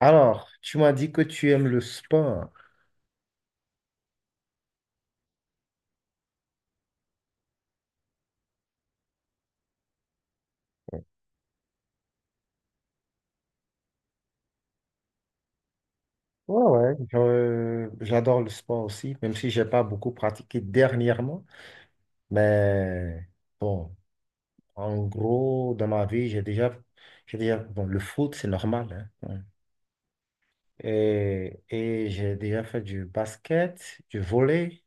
Alors, tu m'as dit que tu aimes le sport. Ouais, ouais. J'adore le sport aussi, même si j'ai pas beaucoup pratiqué dernièrement. Mais bon, en gros, dans ma vie, j'ai déjà, bon, le foot, c'est normal, hein. Ouais. Et j'ai déjà fait du basket, du volley,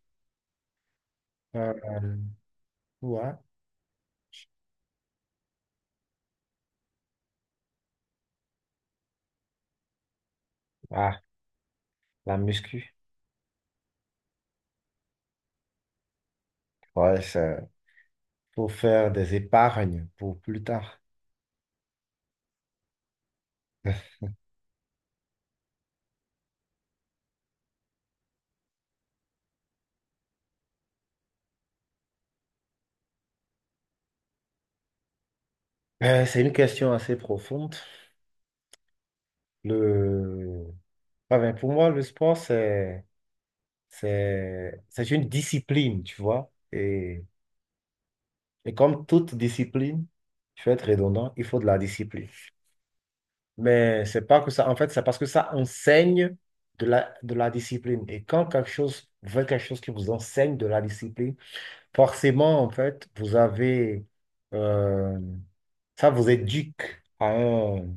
euh, ouais. Ah, la muscu. Ouais, ça, faut faire des épargnes pour plus tard. C'est une question assez profonde. Le Ah ben, pour moi, le sport, c'est une discipline, tu vois. Et comme toute discipline, je vais être redondant, il faut de la discipline. Mais c'est pas que ça, en fait, c'est parce que ça enseigne de la discipline. Et quand quelque chose, vous faites quelque chose qui vous enseigne de la discipline, forcément, en fait, vous avez, euh, ça vous éduque à,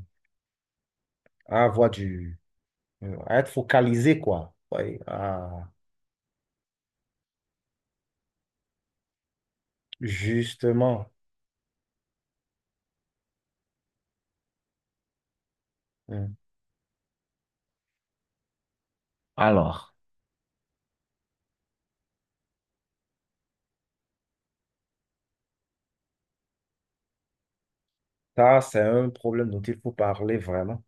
à avoir du, à être focalisé, quoi. Ouais, justement. Mm. Alors, ça, c'est un problème dont il faut parler vraiment.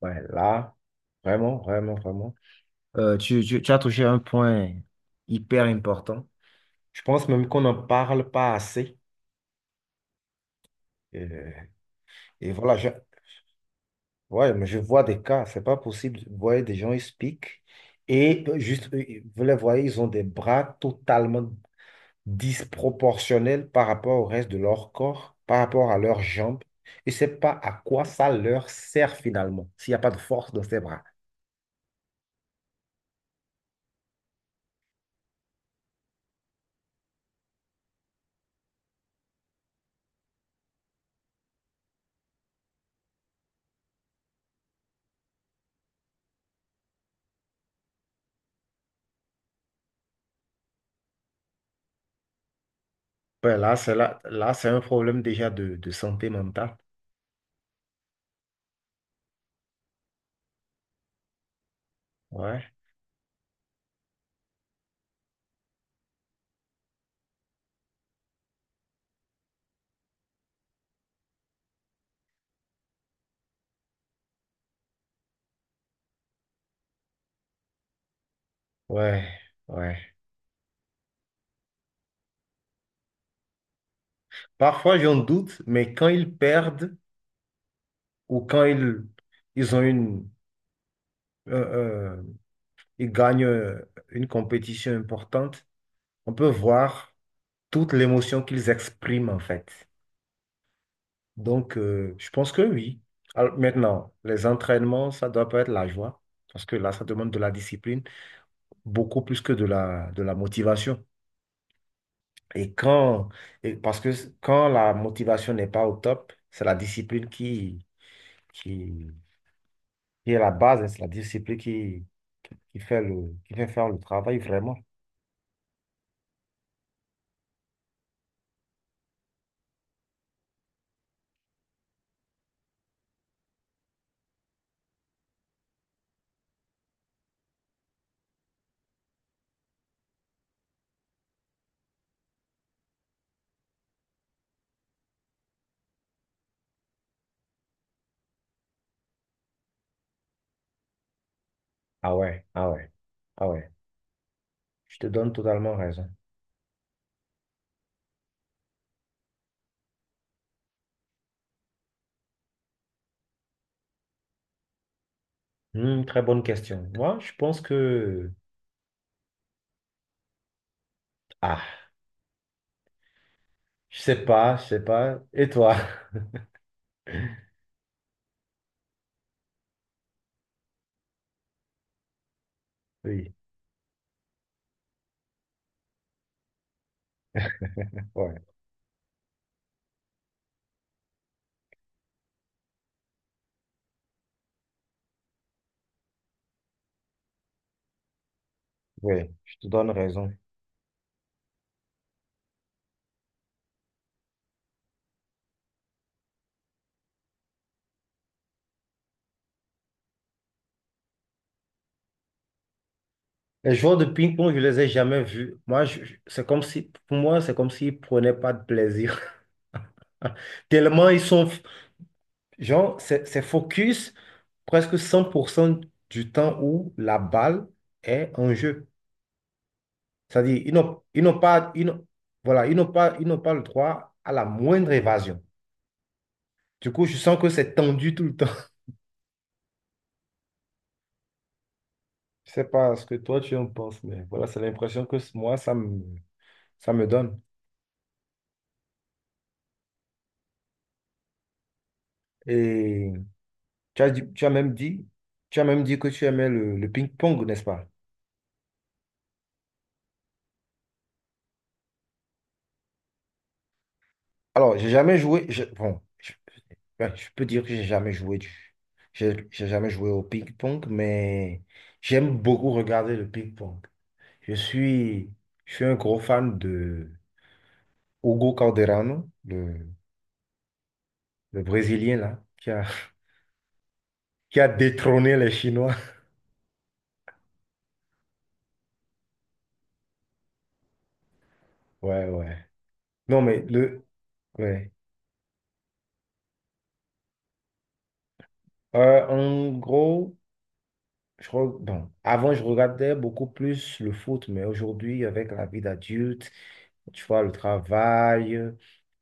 Ouais, là, vraiment, vraiment, vraiment. Tu as touché un point hyper important. Je pense même qu'on n'en parle pas assez. Euh, et voilà, ouais, mais je vois des cas, c'est pas possible. Vous voyez des gens, ils se piquent et juste, vous les voyez, ils ont des bras totalement disproportionnelles par rapport au reste de leur corps, par rapport à leurs jambes. Et c'est pas à quoi ça leur sert finalement, s'il n'y a pas de force dans ses bras. Ben là, là, c'est un problème déjà de santé mentale. Ouais, ouais, ouais. Parfois, j'en doute, mais quand ils perdent ou quand ils ont une, euh, euh, ils gagnent une compétition importante, on peut voir toute l'émotion qu'ils expriment en fait. Donc, je pense que oui. Alors, maintenant, les entraînements, ça doit pas être la joie, parce que là, ça demande de la discipline, beaucoup plus que de la motivation. Et quand, et parce que quand la motivation n'est pas au top, c'est la discipline qui, qui est la base, hein, c'est la discipline qui fait faire le travail vraiment. Ah ouais, ah ouais, ah ouais. Je te donne totalement raison. Hmm, très bonne question. Moi, je pense que... Ah, je sais pas, je sais pas. Et toi? Oui. Ouais, ouais, je te donne raison. Les joueurs de ping-pong, je les ai jamais vus. Moi, c'est comme si, pour moi, c'est comme s'ils prenaient pas de plaisir. Tellement ils sont, genre, c'est focus presque 100% du temps où la balle est en jeu. C'est-à-dire, ils n'ont pas, ils n'ont- voilà, ils n'ont pas le droit à la moindre évasion. Du coup, je sens que c'est tendu tout le temps. Je sais pas ce que toi tu en penses, mais voilà, c'est l'impression que moi, ça me donne. Et Tu as dit- tu as même dit, Tu as même dit que tu aimais le ping-pong, n'est-ce pas? Alors, j'ai jamais joué. Bon, ben, je peux dire que j'ai jamais joué au ping-pong, mais j'aime beaucoup regarder le ping-pong. Je suis, je suis un gros fan de Hugo Calderano, le Brésilien là, qui a, qui a détrôné les Chinois. Ouais, ouais. Non, mais ouais. En gros. Bon, avant, je regardais beaucoup plus le foot, mais aujourd'hui, avec la vie d'adulte, tu vois, le travail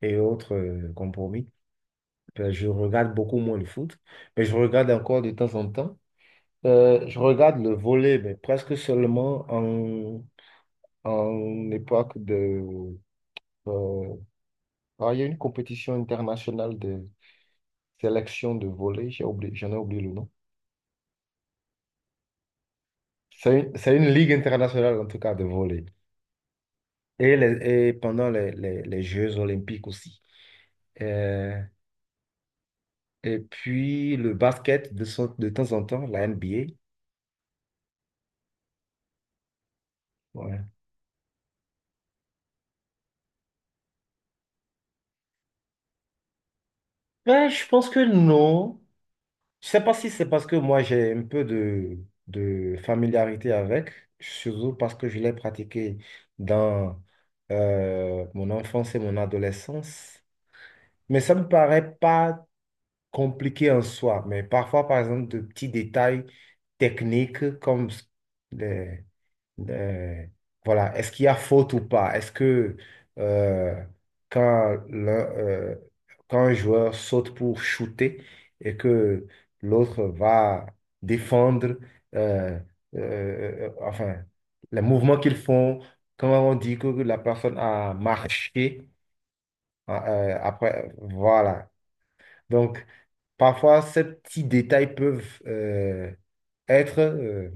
et autres compromis, ben, je regarde beaucoup moins le foot, mais je regarde encore de temps en temps. Je regarde le volley, mais presque seulement en époque de... euh, ah, il y a une compétition internationale de sélection de volley, j'ai oublié, j'en ai oublié le nom. C'est une ligue internationale, en tout cas, de volley. Et pendant les Jeux olympiques aussi. Euh, et puis le basket de temps en temps, la NBA. Ouais. Ben, je pense que non. Je sais pas si c'est parce que moi j'ai un peu de familiarité avec, surtout parce que je l'ai pratiqué dans mon enfance et mon adolescence. Mais ça me paraît pas compliqué en soi. Mais parfois, par exemple, de petits détails techniques comme Euh, voilà, est-ce qu'il y a faute ou pas? Est-ce que euh, quand, l'un, euh, quand un joueur saute pour shooter et que l'autre va défendre, euh, enfin, les mouvements qu'ils font, comment on dit que la personne a marché, après, voilà. Donc, parfois, ces petits détails peuvent être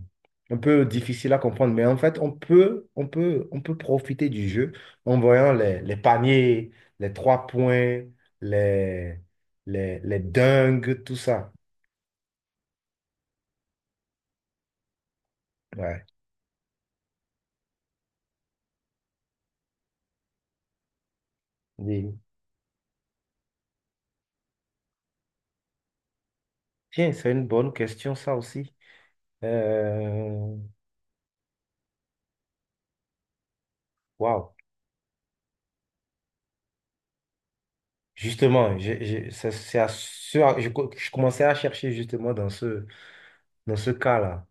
un peu difficiles à comprendre, mais en fait, on peut profiter du jeu en voyant les paniers, les trois points, les, les dingues, tout ça. Ouais. Oui. Tiens, c'est une bonne question, ça aussi. Euh, Waouh. Justement, j'ai- c'est à ce- je, co- je commençais à chercher justement dans dans ce cas-là.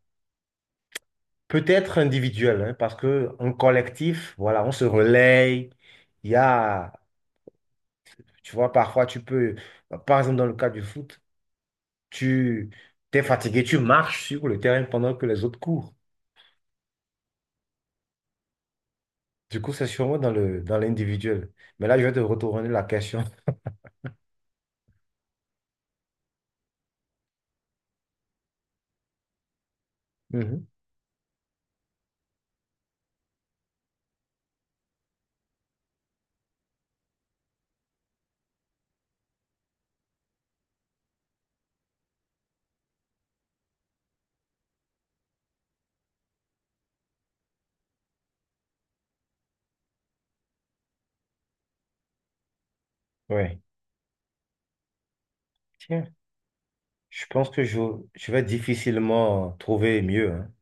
Peut-être individuel, hein, parce que en collectif, voilà, on se relaye. Il y a, tu vois, parfois tu peux, par exemple dans le cas du foot, tu t'es fatigué, tu marches sur le terrain pendant que les autres courent. Du coup, c'est sûrement dans le dans l'individuel. Mais là, je vais te retourner la question. Mhm. Ouais. Tiens, je pense que je vais difficilement trouver mieux. Hein.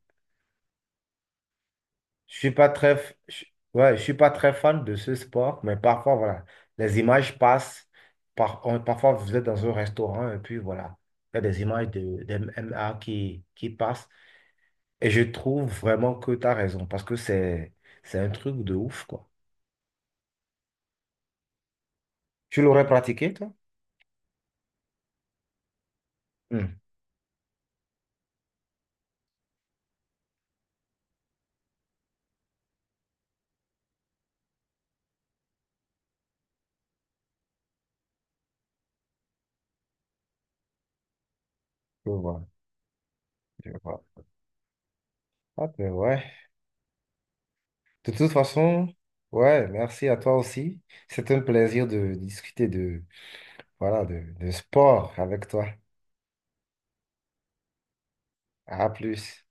Je suis pas très, f- je- Ouais, je suis pas très fan de ce sport, mais parfois, voilà, les images passent. Parfois, vous êtes dans un restaurant et puis voilà, il y a des images d'MMA qui passent. Et je trouve vraiment que tu as raison parce que c'est un truc de ouf, quoi. Tu l'aurais pratiqué, toi? Hmm, je vois, je vois. Ah, ben ouais. De toute façon, ouais, merci à toi aussi. C'est un plaisir de discuter voilà, de sport avec toi. À plus.